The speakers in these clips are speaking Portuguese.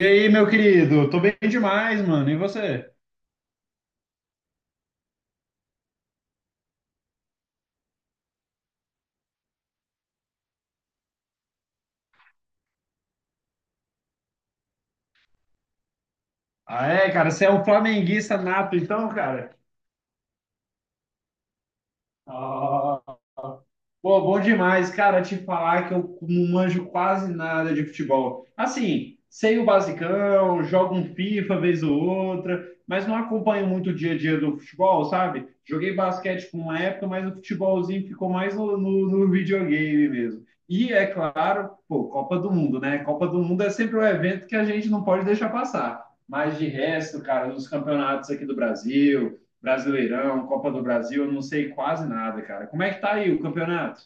E aí, meu querido? Tô bem demais, mano. E você? Ah, é, cara, você é um flamenguista nato, então, cara? Ah. Pô, bom demais, cara, te falar que eu não manjo quase nada de futebol. Assim, sei o basicão, jogo um FIFA vez ou outra, mas não acompanho muito o dia a dia do futebol, sabe? Joguei basquete por uma época, mas o futebolzinho ficou mais no videogame mesmo. E, é claro, pô, Copa do Mundo, né? Copa do Mundo é sempre um evento que a gente não pode deixar passar. Mas de resto, cara, os campeonatos aqui do Brasil. Brasileirão, Copa do Brasil, eu não sei quase nada, cara. Como é que tá aí o campeonato?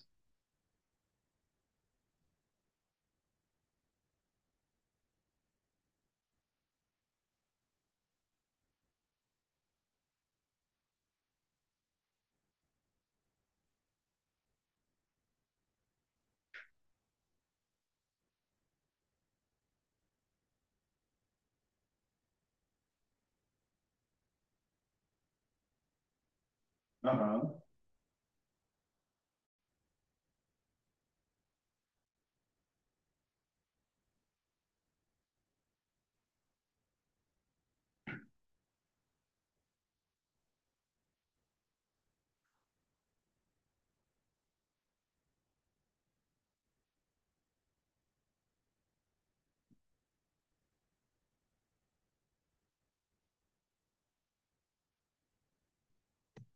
Aham,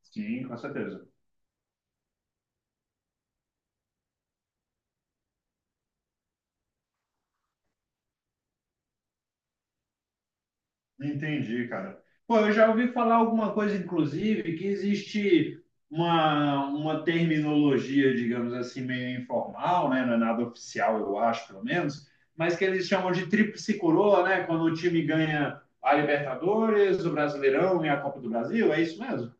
sim, com certeza. Entendi, cara. Pô, eu já ouvi falar alguma coisa, inclusive, que existe uma terminologia, digamos assim, meio informal, né? Não é nada oficial, eu acho, pelo menos, mas que eles chamam de tríplice coroa, né? Quando o time ganha a Libertadores, o Brasileirão e a Copa do Brasil, é isso mesmo?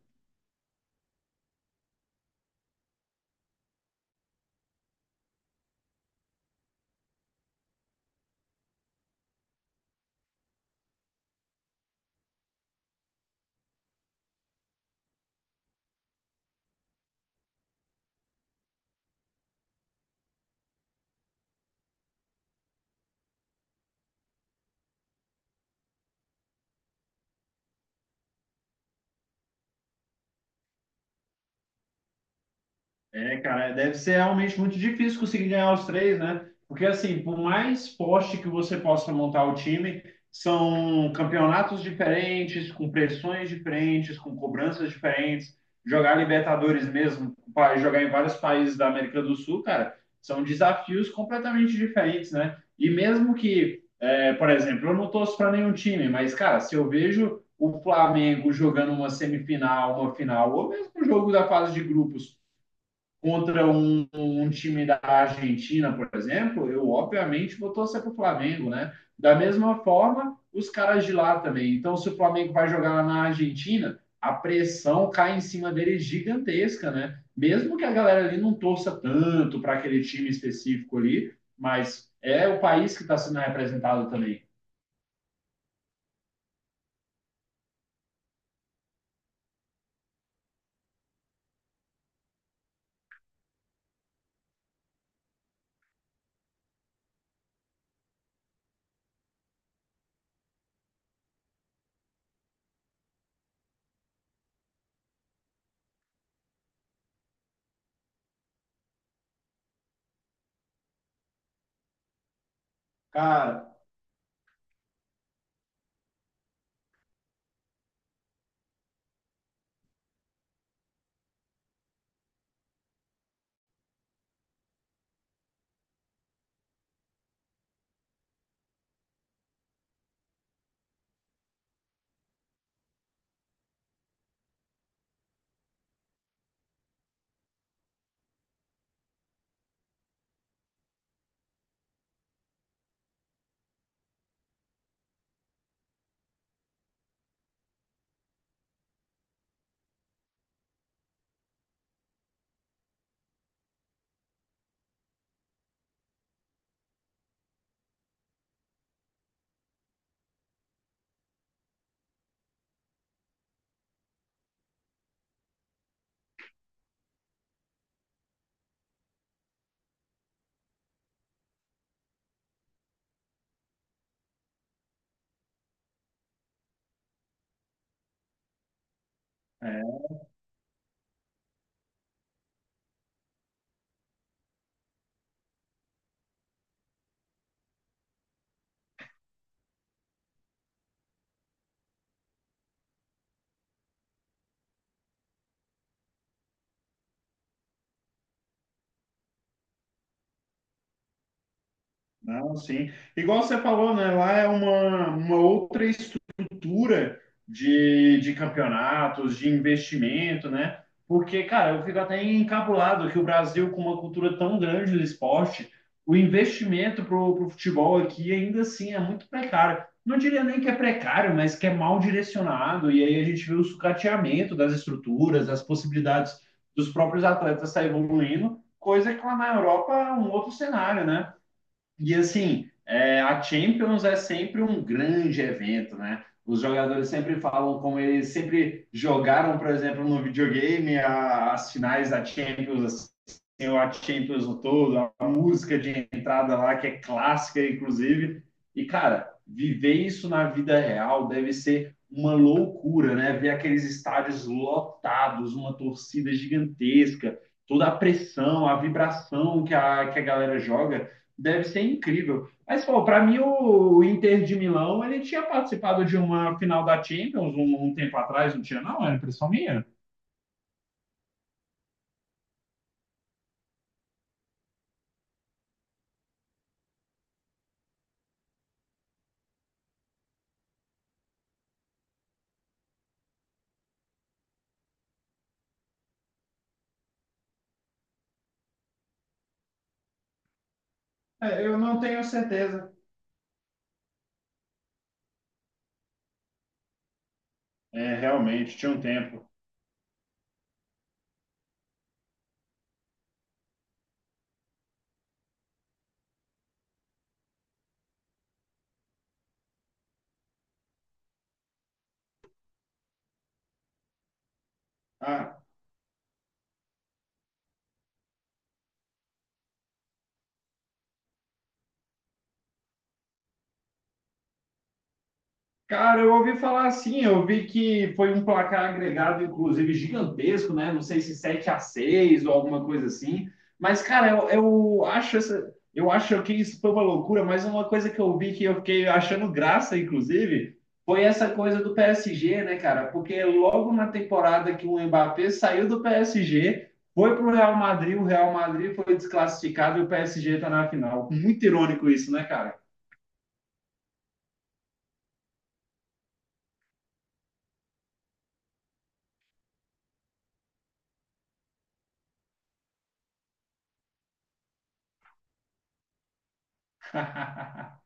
É, cara, deve ser realmente muito difícil conseguir ganhar os três, né? Porque, assim, por mais poste que você possa montar o time, são campeonatos diferentes, com pressões diferentes, com cobranças diferentes. Jogar Libertadores mesmo, jogar em vários países da América do Sul, cara, são desafios completamente diferentes, né? E mesmo que, é, por exemplo, eu não torço para nenhum time, mas, cara, se eu vejo o Flamengo jogando uma semifinal, uma final, ou mesmo o jogo da fase de grupos contra um time da Argentina, por exemplo, eu obviamente vou torcer para o Flamengo, né? Da mesma forma, os caras de lá também. Então, se o Flamengo vai jogar lá na Argentina, a pressão cai em cima dele gigantesca, né? Mesmo que a galera ali não torça tanto para aquele time específico ali, mas é o país que está sendo representado também. Cara, é, Não, sim. Igual você falou, né? Lá é uma outra estrutura de campeonatos, de investimento, né? Porque, cara, eu fico até encabulado que o Brasil, com uma cultura tão grande do esporte, o investimento pro futebol aqui ainda assim é muito precário. Não diria nem que é precário, mas que é mal direcionado. E aí a gente vê o sucateamento das estruturas, das possibilidades dos próprios atletas estar evoluindo, coisa que lá na Europa é um outro cenário, né? E assim, é, a Champions é sempre um grande evento, né? Os jogadores sempre falam como eles sempre jogaram, por exemplo, no videogame, as finais da Champions, assim, a Champions no todo, a música de entrada lá, que é clássica, inclusive. E, cara, viver isso na vida real deve ser uma loucura, né? Ver aqueles estádios lotados, uma torcida gigantesca, toda a pressão, a vibração que que a galera joga. Deve ser incrível. Mas, pô, para mim, o Inter de Milão, ele tinha participado de uma final da Champions um tempo atrás, não tinha, não? Era impressão minha? É, eu não tenho certeza. É, realmente, tinha um tempo. Ah, cara, eu ouvi falar assim, eu vi que foi um placar agregado, inclusive, gigantesco, né? Não sei se 7 a 6 ou alguma coisa assim. Mas, cara, eu acho essa, eu acho que isso foi uma loucura, mas uma coisa que eu vi que eu fiquei achando graça, inclusive, foi essa coisa do PSG, né, cara? Porque logo na temporada que o Mbappé saiu do PSG, foi pro Real Madrid, o Real Madrid foi desclassificado e o PSG tá na final. Muito irônico isso, né, cara?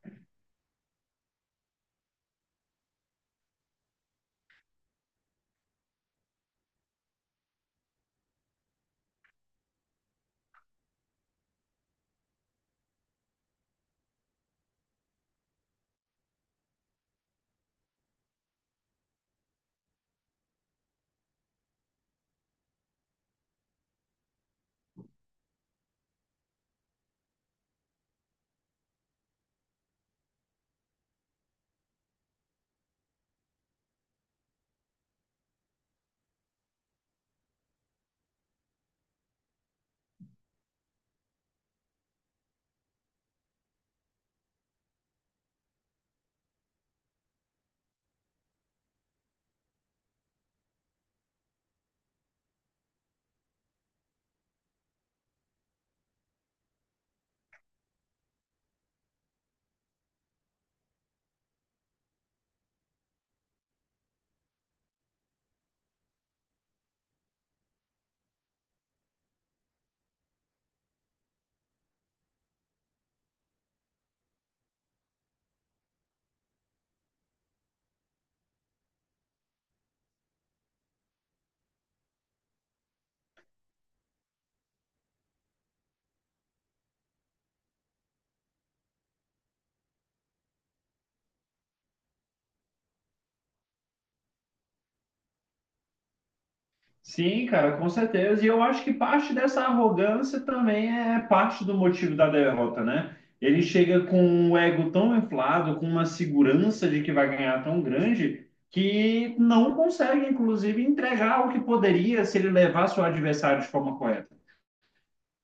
Sim, cara, com certeza. E eu acho que parte dessa arrogância também é parte do motivo da derrota, né? Ele chega com um ego tão inflado, com uma segurança de que vai ganhar tão grande, que não consegue, inclusive, entregar o que poderia se ele levasse o adversário de forma correta.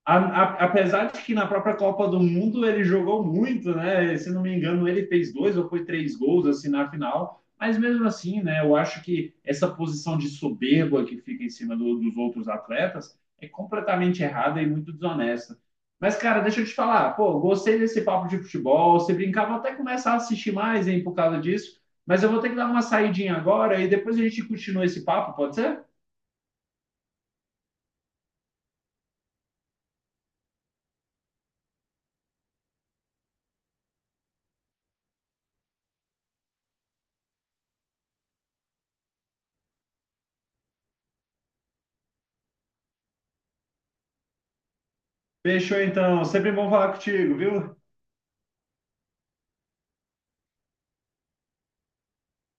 Apesar de que na própria Copa do Mundo ele jogou muito, né? Se não me engano, ele fez dois ou foi três gols assim na final. Mas mesmo assim, né? Eu acho que essa posição de soberba que fica em cima do, dos outros atletas é completamente errada e muito desonesta. Mas, cara, deixa eu te falar, pô, gostei desse papo de futebol. Você brincava até começar a assistir mais, hein, por causa disso. Mas eu vou ter que dar uma saidinha agora e depois a gente continua esse papo, pode ser? Fechou então, sempre bom falar contigo, viu?